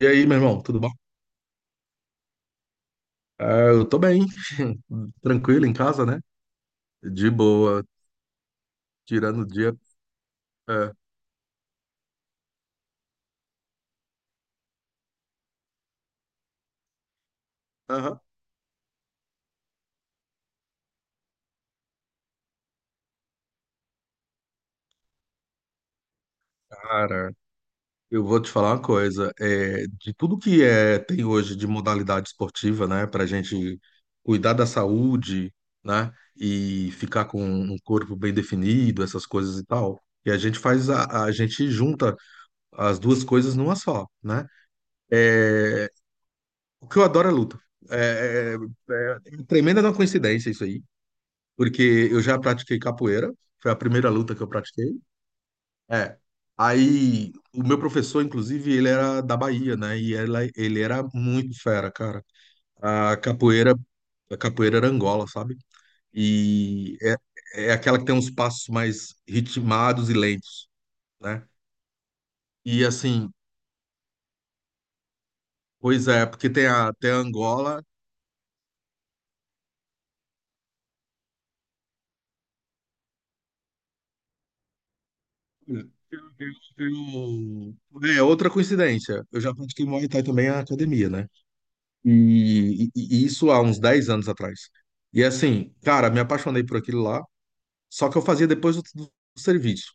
E aí, meu irmão, tudo bom? Ah, eu tô bem, tranquilo em casa, né? De boa, tirando o dia. É. Aham. Cara, eu vou te falar uma coisa. É, de tudo que é, tem hoje de modalidade esportiva, né? Pra gente cuidar da saúde, né? E ficar com um corpo bem definido, essas coisas e tal. E a gente faz a gente junta as duas coisas numa só, né? É, o que eu adoro é luta. É, é tremenda uma coincidência isso aí. Porque eu já pratiquei capoeira, foi a primeira luta que eu pratiquei. É. Aí, o meu professor, inclusive, ele era da Bahia, né? E ele era muito fera, cara. A capoeira, a capoeira era Angola, sabe? E é aquela que tem uns passos mais ritmados e lentos, né? E assim, pois é, porque tem a, Angola. Eu- eu- É outra coincidência. Eu já pratiquei Muay Thai também na academia, né? E isso há uns 10 anos atrás. E assim, cara, me apaixonei por aquilo lá, só que eu fazia depois do serviço.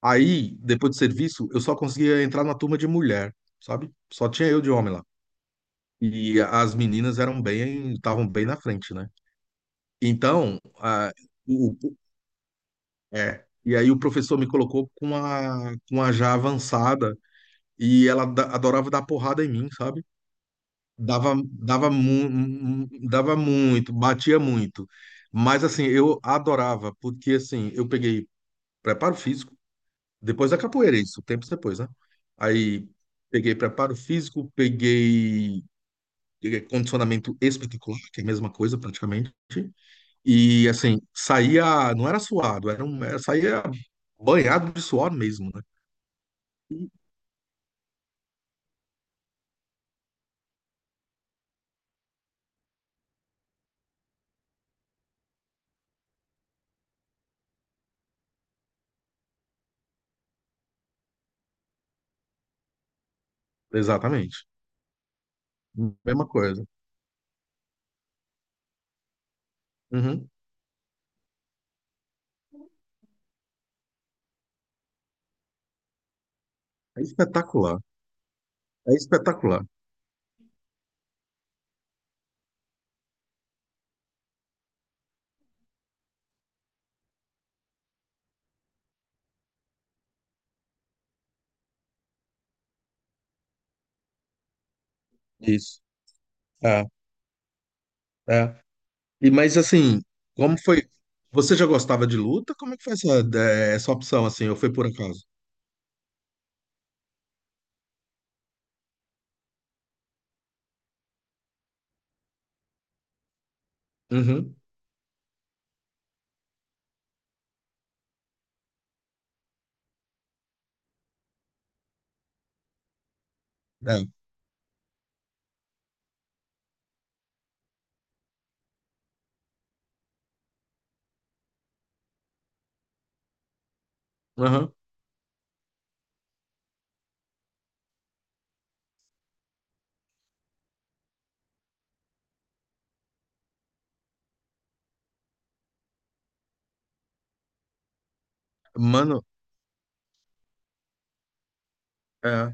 Aí, depois do serviço, eu só conseguia entrar na turma de mulher, sabe? Só tinha eu de homem lá. E as meninas eram bem, estavam bem na frente, né? Então, ah, o, o- é. E aí o professor me colocou com uma já avançada e ela adorava dar porrada em mim, sabe? Dava, dava, mu dava muito, batia muito. Mas assim, eu adorava, porque assim, eu peguei preparo físico, depois da capoeira, isso, tempos depois, né? Aí peguei preparo físico, peguei condicionamento espetacular, que é a mesma coisa praticamente. E assim, saía, não era suado, saía banhado de suor mesmo, né? Exatamente. Mesma coisa. Uhum. É espetacular. É espetacular. Isso. É, é. E mas assim, como foi? Você já gostava de luta? Como é que foi essa opção assim? Ou foi por acaso? Uhum. É. Aham. Mano, é.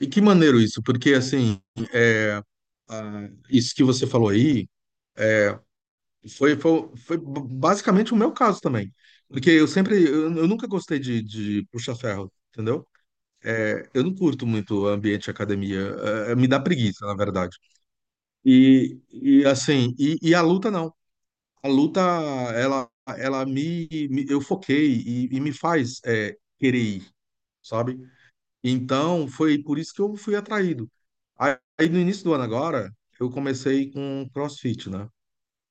E que maneiro isso, porque assim, ah, isso que você falou aí basicamente o meu caso também. Porque eu nunca gostei de puxa-ferro, entendeu? Eu não curto muito o ambiente de academia, me dá preguiça, na verdade. E assim, e a luta não. A luta, ela, eu foquei e me faz querer ir, sabe? Então, foi por isso que eu fui atraído. Aí, no início do ano agora, eu comecei com CrossFit, né?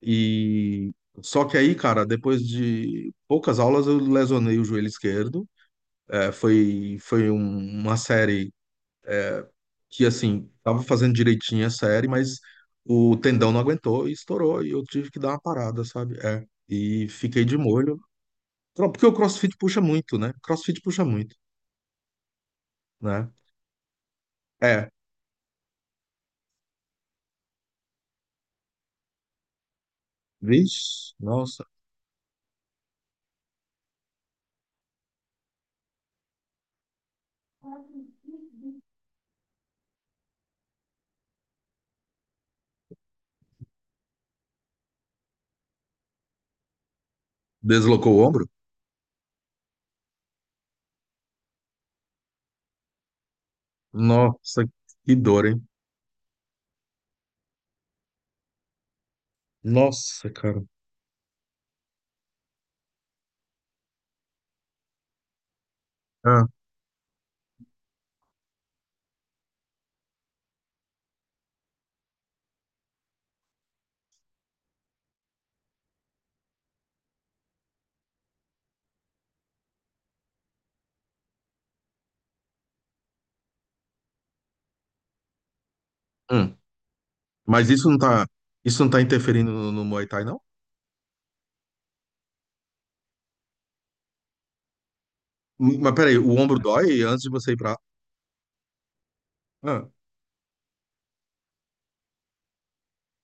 E só que aí, cara, depois de poucas aulas, eu lesionei o joelho esquerdo. É, uma série que, assim, tava fazendo direitinho a série, mas o tendão não aguentou e estourou, e eu tive que dar uma parada, sabe? É. E fiquei de molho. Porque o CrossFit puxa muito, né? CrossFit puxa muito, né? É. Vixe, nossa. Deslocou o ombro? Nossa, que dor, hein? Nossa, cara. Ah, hum. Mas isso não tá interferindo no Muay Thai, não? Mas peraí, o ombro dói antes de você ir pra. Ah,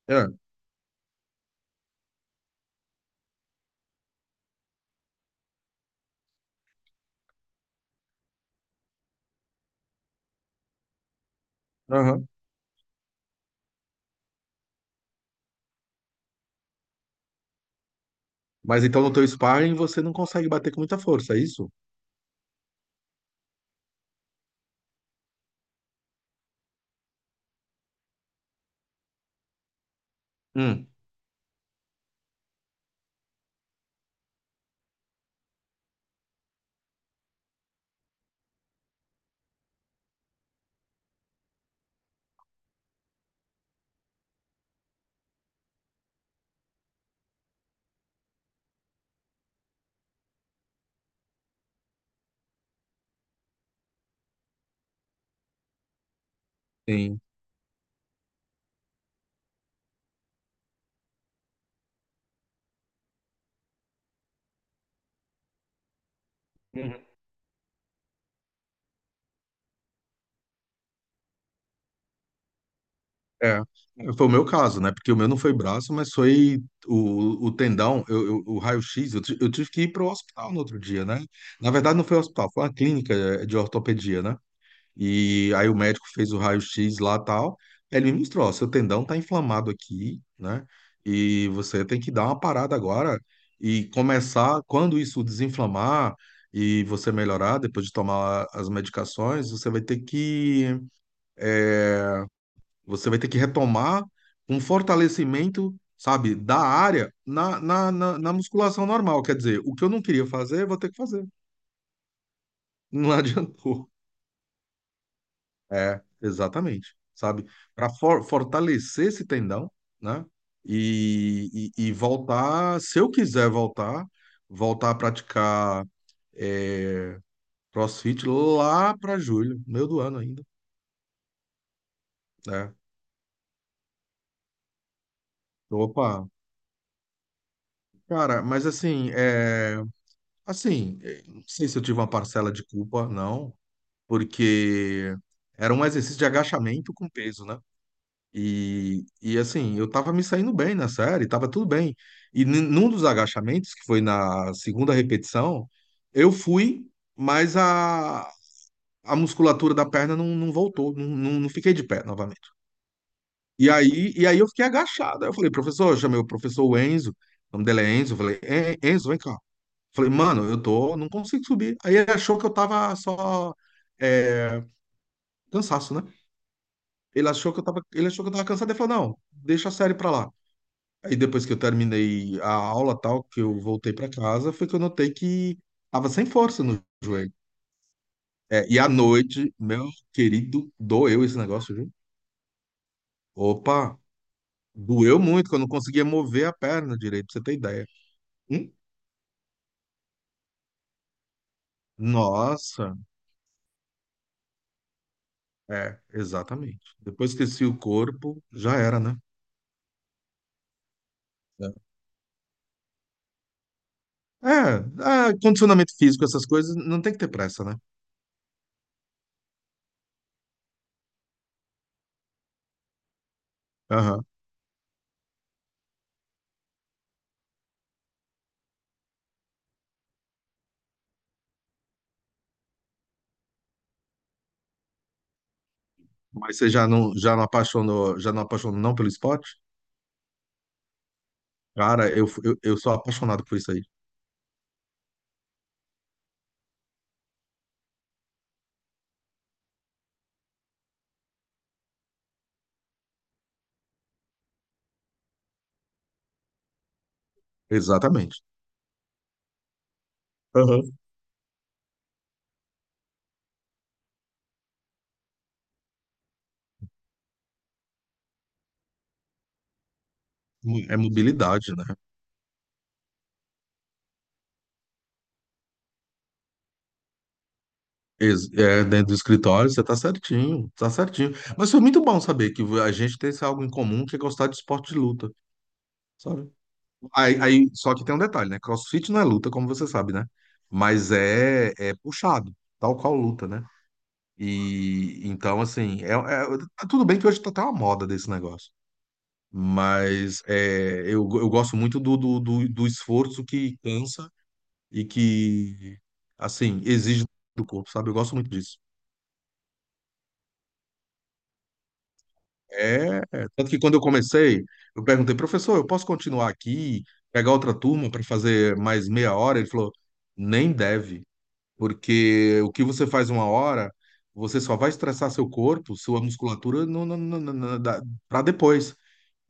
é, aham. Mas então no teu sparring você não consegue bater com muita força, é isso? Hum. Sim. É, foi o meu caso, né? Porque o meu não foi braço, mas foi o tendão, o raio-x. Eu tive que ir para o hospital no outro dia, né? Na verdade, não foi o hospital, foi uma clínica de ortopedia, né? E aí o médico fez o raio-x lá e tal. Ele me mostrou: ó, seu tendão tá inflamado aqui, né? E você tem que dar uma parada agora e começar. Quando isso desinflamar e você melhorar, depois de tomar as medicações, você vai ter que retomar um fortalecimento, sabe, da área na musculação normal. Quer dizer, o que eu não queria fazer, eu vou ter que fazer. Não adiantou. É, exatamente. Sabe? Para fortalecer esse tendão, né? E voltar, se eu quiser voltar a praticar é, CrossFit lá para julho, meio do ano ainda. Né? Opa, cara, mas assim, é. Assim, não sei se eu tive uma parcela de culpa, não, porque era um exercício de agachamento com peso, né? E assim, eu tava me saindo bem na série, tava tudo bem. E num dos agachamentos, que foi na segunda repetição, eu fui, mas a musculatura da perna não voltou, não, não, não fiquei de pé novamente. E aí, eu fiquei agachado. Aí eu falei, professor, eu chamei o professor Enzo, o nome dele é Enzo, eu falei, Enzo, vem cá. Falei, mano, não consigo subir. Aí ele achou que eu tava só é, cansaço, né? Ele achou que eu tava, ele achou que eu tava cansado e falou, não, deixa a série pra lá. Aí depois que eu terminei a aula tal, que eu voltei pra casa, foi que eu notei que tava sem força no joelho. É, e à noite, meu querido, doeu esse negócio, viu? Opa, doeu muito, que eu não conseguia mover a perna direito, pra você ter ideia. Hum? Nossa, é, exatamente. Depois que esqueci o corpo, já era, né? É, condicionamento físico, essas coisas, não tem que ter pressa, né? Aham. Mas você já não apaixonou não pelo esporte? Cara, eu sou apaixonado por isso aí. Exatamente. Aham. É mobilidade, né? É, dentro do escritório, você tá certinho, tá certinho. Mas foi muito bom saber que a gente tem esse algo em comum que é gostar de esporte de luta, sabe? Aí, só que tem um detalhe, né? CrossFit não é luta, como você sabe, né? Mas é puxado, tal qual luta, né? E então, assim, tá tudo bem que hoje tá até uma moda desse negócio, mas eu gosto muito do esforço que cansa e que, assim, exige do corpo, sabe? Eu gosto muito disso. É, tanto que quando eu comecei, eu perguntei, professor, eu posso continuar aqui, pegar outra turma para fazer mais meia hora? Ele falou, nem deve, porque o que você faz 1 hora, você só vai estressar seu corpo, sua musculatura, no, para depois.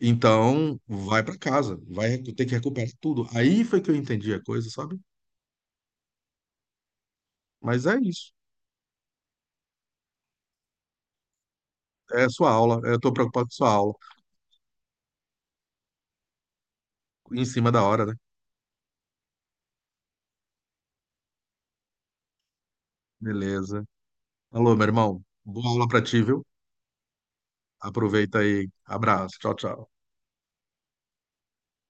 Então, vai para casa, vai ter que recuperar tudo. Aí foi que eu entendi a coisa, sabe? Mas é isso. É a sua aula. Eu tô preocupado com a sua aula. Em cima da hora, né? Beleza. Alô, meu irmão. Boa aula pra ti, viu? Aproveita aí. Abraço. Tchau, tchau.